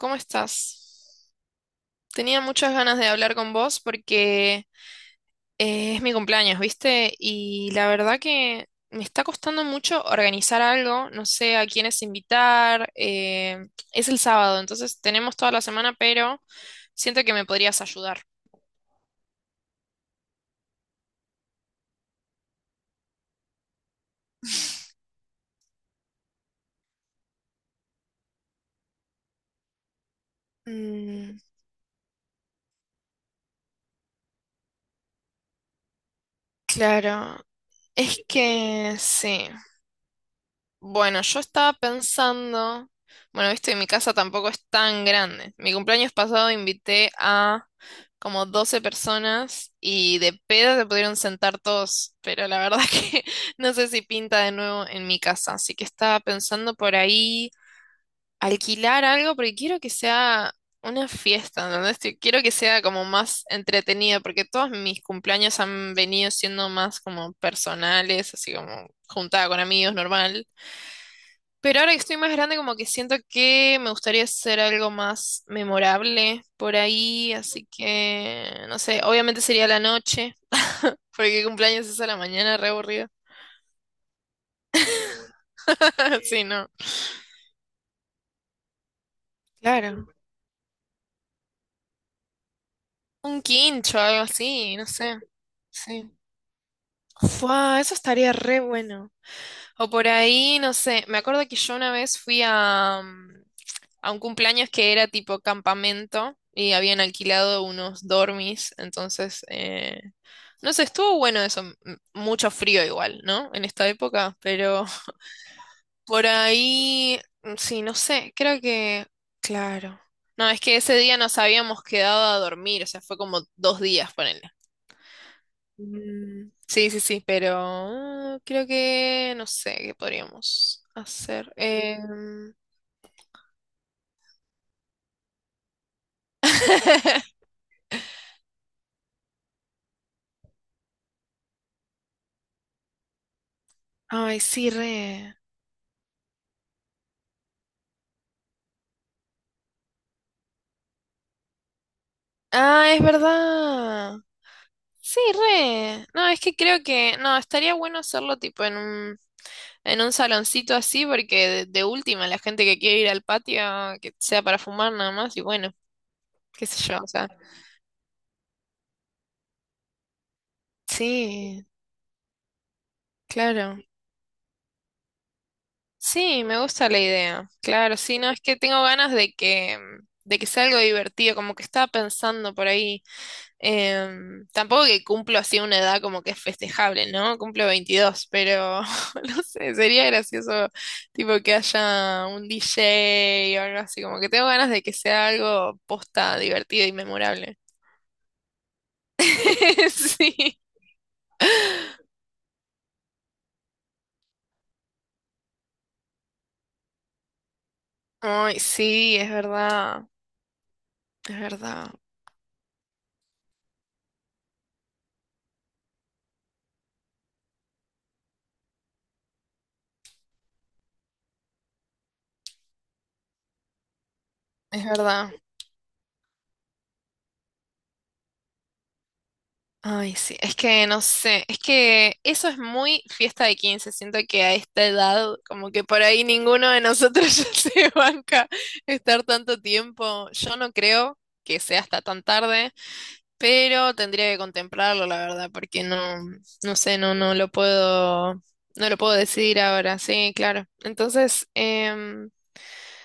¿Cómo estás? Tenía muchas ganas de hablar con vos porque es mi cumpleaños, ¿viste? Y la verdad que me está costando mucho organizar algo, no sé a quiénes invitar. Es el sábado, entonces tenemos toda la semana, pero siento que me podrías ayudar. Mm, claro, es que sí. Bueno, yo estaba pensando, bueno, viste, mi casa tampoco es tan grande. Mi cumpleaños pasado invité a como 12 personas y de pedo se pudieron sentar todos, pero la verdad que no sé si pinta de nuevo en mi casa. Así que estaba pensando por ahí alquilar algo porque quiero que sea una fiesta, ¿entendés? Quiero que sea como más entretenida porque todos mis cumpleaños han venido siendo más como personales, así como juntada con amigos, normal. Pero ahora que estoy más grande, como que siento que me gustaría hacer algo más memorable por ahí, así que, no sé, obviamente sería la noche, porque cumpleaños es a la mañana, re aburrido. Sí, no. Claro. Un quincho, algo así, no sé. Sí. Fua, eso estaría re bueno. O por ahí, no sé, me acuerdo que yo una vez fui a, a un cumpleaños que era tipo campamento y habían alquilado unos dormis, entonces... No sé, estuvo bueno eso, mucho frío igual, ¿no? En esta época, pero por ahí, sí, no sé, creo que, claro. No, es que ese día nos habíamos quedado a dormir, o sea, fue como 2 días, ponele. Mm, sí, sí, sí, pero creo que, no sé, ¿qué podríamos hacer? Ay, sí, re. Ah, es verdad. Sí, re. No, es que creo que, no, estaría bueno hacerlo tipo en un... En un saloncito así, porque de última, la gente que quiere ir al patio, que sea para fumar nada más, y bueno, qué sé yo, o sea. Sí, claro. Sí, me gusta la idea. Claro, sí, no, es que tengo ganas de que sea algo divertido, como que estaba pensando por ahí. Tampoco que cumplo así una edad como que es festejable, ¿no? Cumplo 22 pero no sé, sería gracioso tipo que haya un DJ o algo así, como que tengo ganas de que sea algo posta, divertido y memorable. Sí. Ay, sí, es verdad, es verdad, es verdad. Ay, sí, es que no sé, es que eso es muy fiesta de 15. Siento que a esta edad como que por ahí ninguno de nosotros ya se banca estar tanto tiempo, yo no creo que sea hasta tan tarde, pero tendría que contemplarlo, la verdad, porque no, no sé, no, no lo puedo, no lo puedo decidir ahora, sí, claro. Entonces,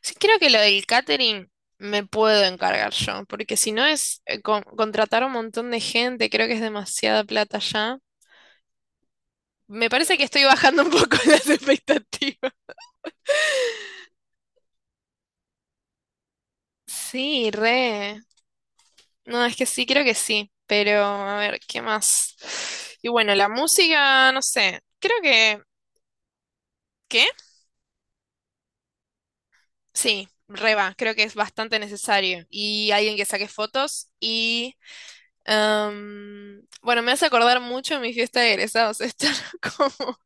sí, creo que lo del catering me puedo encargar yo, porque si no es contratar un montón de gente, creo que es demasiada plata ya. Me parece que estoy bajando un poco las expectativas. Sí, re. No, es que sí, creo que sí, pero a ver, ¿qué más? Y bueno, la música, no sé, creo que... ¿Qué? Sí, re va, creo que es bastante necesario. Y alguien que saque fotos y... bueno, me hace acordar mucho de mi fiesta de egresados, estar como...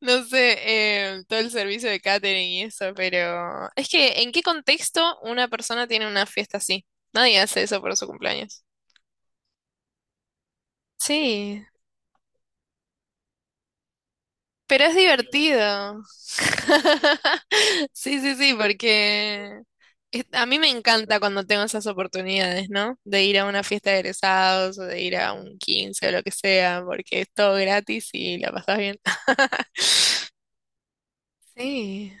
No sé, todo el servicio de catering y eso, pero es que, ¿en qué contexto una persona tiene una fiesta así? Nadie hace eso por su cumpleaños. Sí, pero es divertido. Sí, sí, sí, porque a mí me encanta cuando tengo esas oportunidades, ¿no? De ir a una fiesta de egresados o de ir a un 15 o lo que sea, porque es todo gratis y la pasas bien. Sí.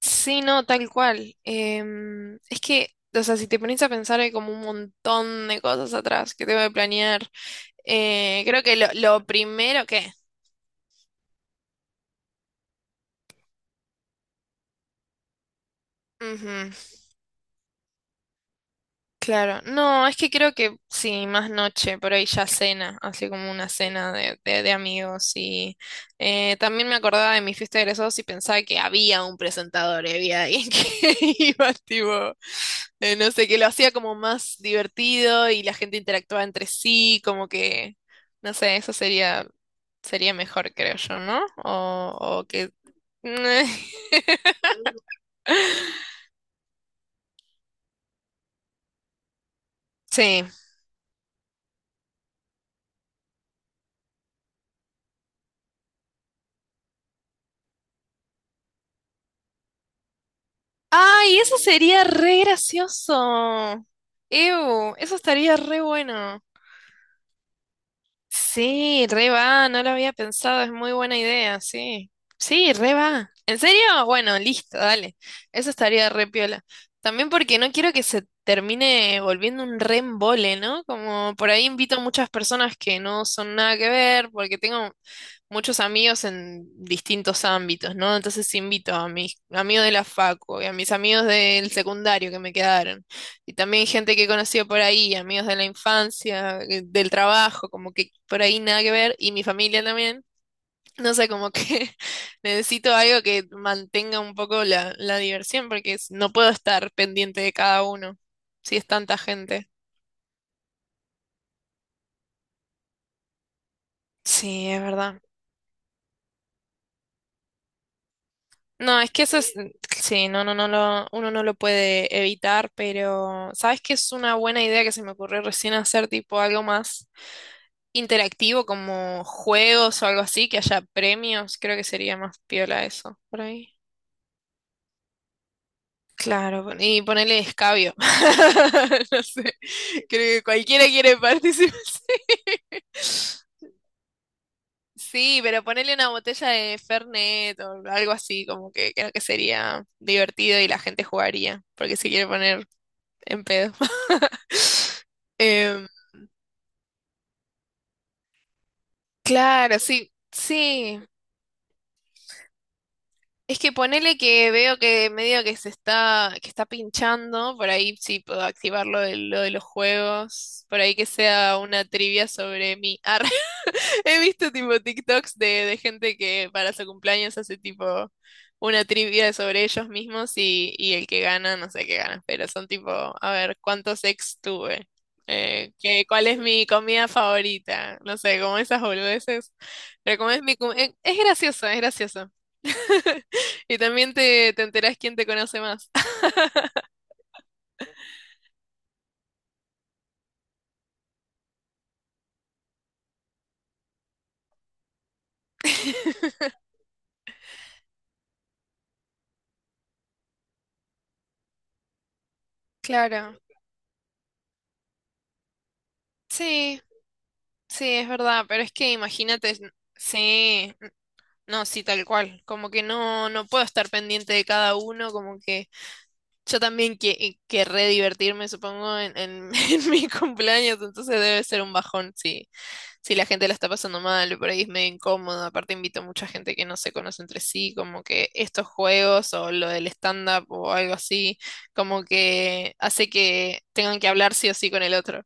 Sí, no, tal cual. Es que, o sea, si te pones a pensar, hay como un montón de cosas atrás que tengo que planear. Creo que lo primero que... Ujú, claro. No, es que creo que sí, más noche, por ahí ya cena, así como una cena de amigos. Y también me acordaba de mi fiesta de egresados y pensaba que había un presentador y había alguien que iba, tipo. No sé, que lo hacía como más divertido y la gente interactuaba entre sí, como que, no sé, eso sería, sería mejor, creo yo, ¿no? O que... Sí. ¡Ay, eso sería re gracioso! ¡Ew! Eso estaría re bueno. Sí, re va, no lo había pensado, es muy buena idea, sí. Sí, re va. ¿En serio? Bueno, listo, dale. Eso estaría re piola. También porque no quiero que se termine volviendo un re embole, ¿no? Como por ahí invito a muchas personas que no son nada que ver, porque tengo muchos amigos en distintos ámbitos, ¿no? Entonces invito a mis amigos de la facu y a mis amigos del secundario que me quedaron. Y también gente que he conocido por ahí, amigos de la infancia, del trabajo, como que por ahí nada que ver, y mi familia también. No sé, como que necesito algo que mantenga un poco la diversión, porque no puedo estar pendiente de cada uno, si es tanta gente. Sí, es verdad. No, es que eso es, sí, no, no, no lo, uno no lo puede evitar, pero ¿sabes qué es una buena idea que se me ocurrió recién hacer tipo algo más interactivo, como juegos o algo así, que haya premios? Creo que sería más piola eso, por ahí. Claro, y ponerle escabio. No sé, creo que cualquiera quiere participar. Sí, pero ponerle una botella de Fernet o algo así, como que creo que sería divertido y la gente jugaría, porque se quiere poner en pedo. Em, claro, sí, sí. Es que ponele que veo que medio que se está, que está pinchando, por ahí sí puedo activar lo de los juegos, por ahí que sea una trivia sobre mí. Arre. He visto tipo TikToks de gente que para su cumpleaños hace tipo una trivia sobre ellos mismos y el que gana, no sé qué gana, pero son tipo, a ver, ¿cuántos ex tuve? ¿ Cuál es mi comida favorita? No sé, como esas boludeces. Pero como es mi... Es gracioso, es gracioso. Y también te enterás quién te conoce más. Claro, sí, sí, es verdad, pero es que imagínate, sí, no, sí, tal cual, como que no, no puedo estar pendiente de cada uno, como que yo también querré divertirme, supongo, en, en mi cumpleaños, entonces debe ser un bajón si, si la gente la está pasando mal, por ahí es medio incómodo. Aparte invito a mucha gente que no se conoce entre sí, como que estos juegos o lo del stand-up o algo así, como que hace que tengan que hablar sí o sí con el otro.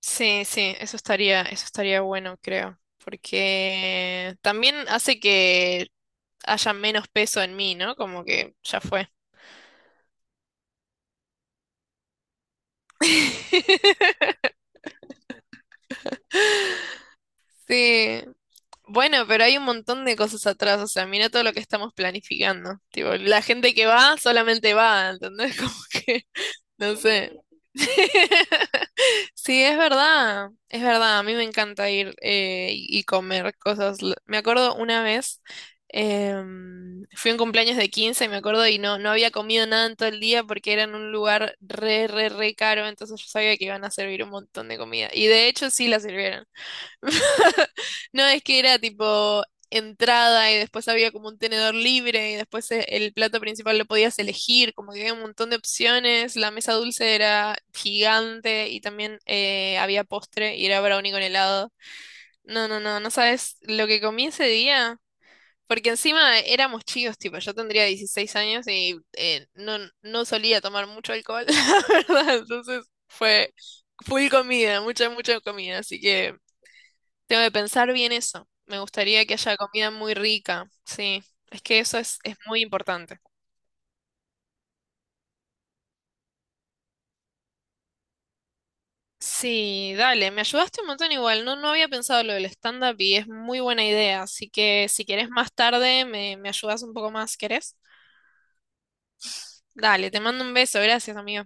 Sí, sí, eso estaría bueno, creo, porque también hace que haya menos peso en mí, ¿no? Como que ya fue. Sí, bueno, pero hay un montón de cosas atrás, o sea, mira todo lo que estamos planificando. Tipo, la gente que va solamente va, ¿entendés? Como que, no sé. Sí, es verdad, a mí me encanta ir y comer cosas. Me acuerdo una vez, fui a un cumpleaños de 15, me acuerdo, y no, no había comido nada en todo el día porque era en un lugar re, re, re caro, entonces yo sabía que iban a servir un montón de comida. Y de hecho sí la sirvieron. No, es que era tipo entrada y después había como un tenedor libre y después el plato principal lo podías elegir, como que había un montón de opciones, la mesa dulce era gigante y también había postre y era brownie con helado. No, no, no, no sabes lo que comí ese día, porque encima éramos chicos, tipo, yo tendría 16 años y no, no solía tomar mucho alcohol, la verdad, entonces fue full comida, mucha, mucha comida, así que... Tengo que pensar bien eso. Me gustaría que haya comida muy rica. Sí, es que eso es muy importante. Sí, dale, me ayudaste un montón igual. No, no había pensado lo del stand-up y es muy buena idea. Así que si querés más tarde, me ayudas un poco más, ¿querés? Dale, te mando un beso. Gracias, amigo.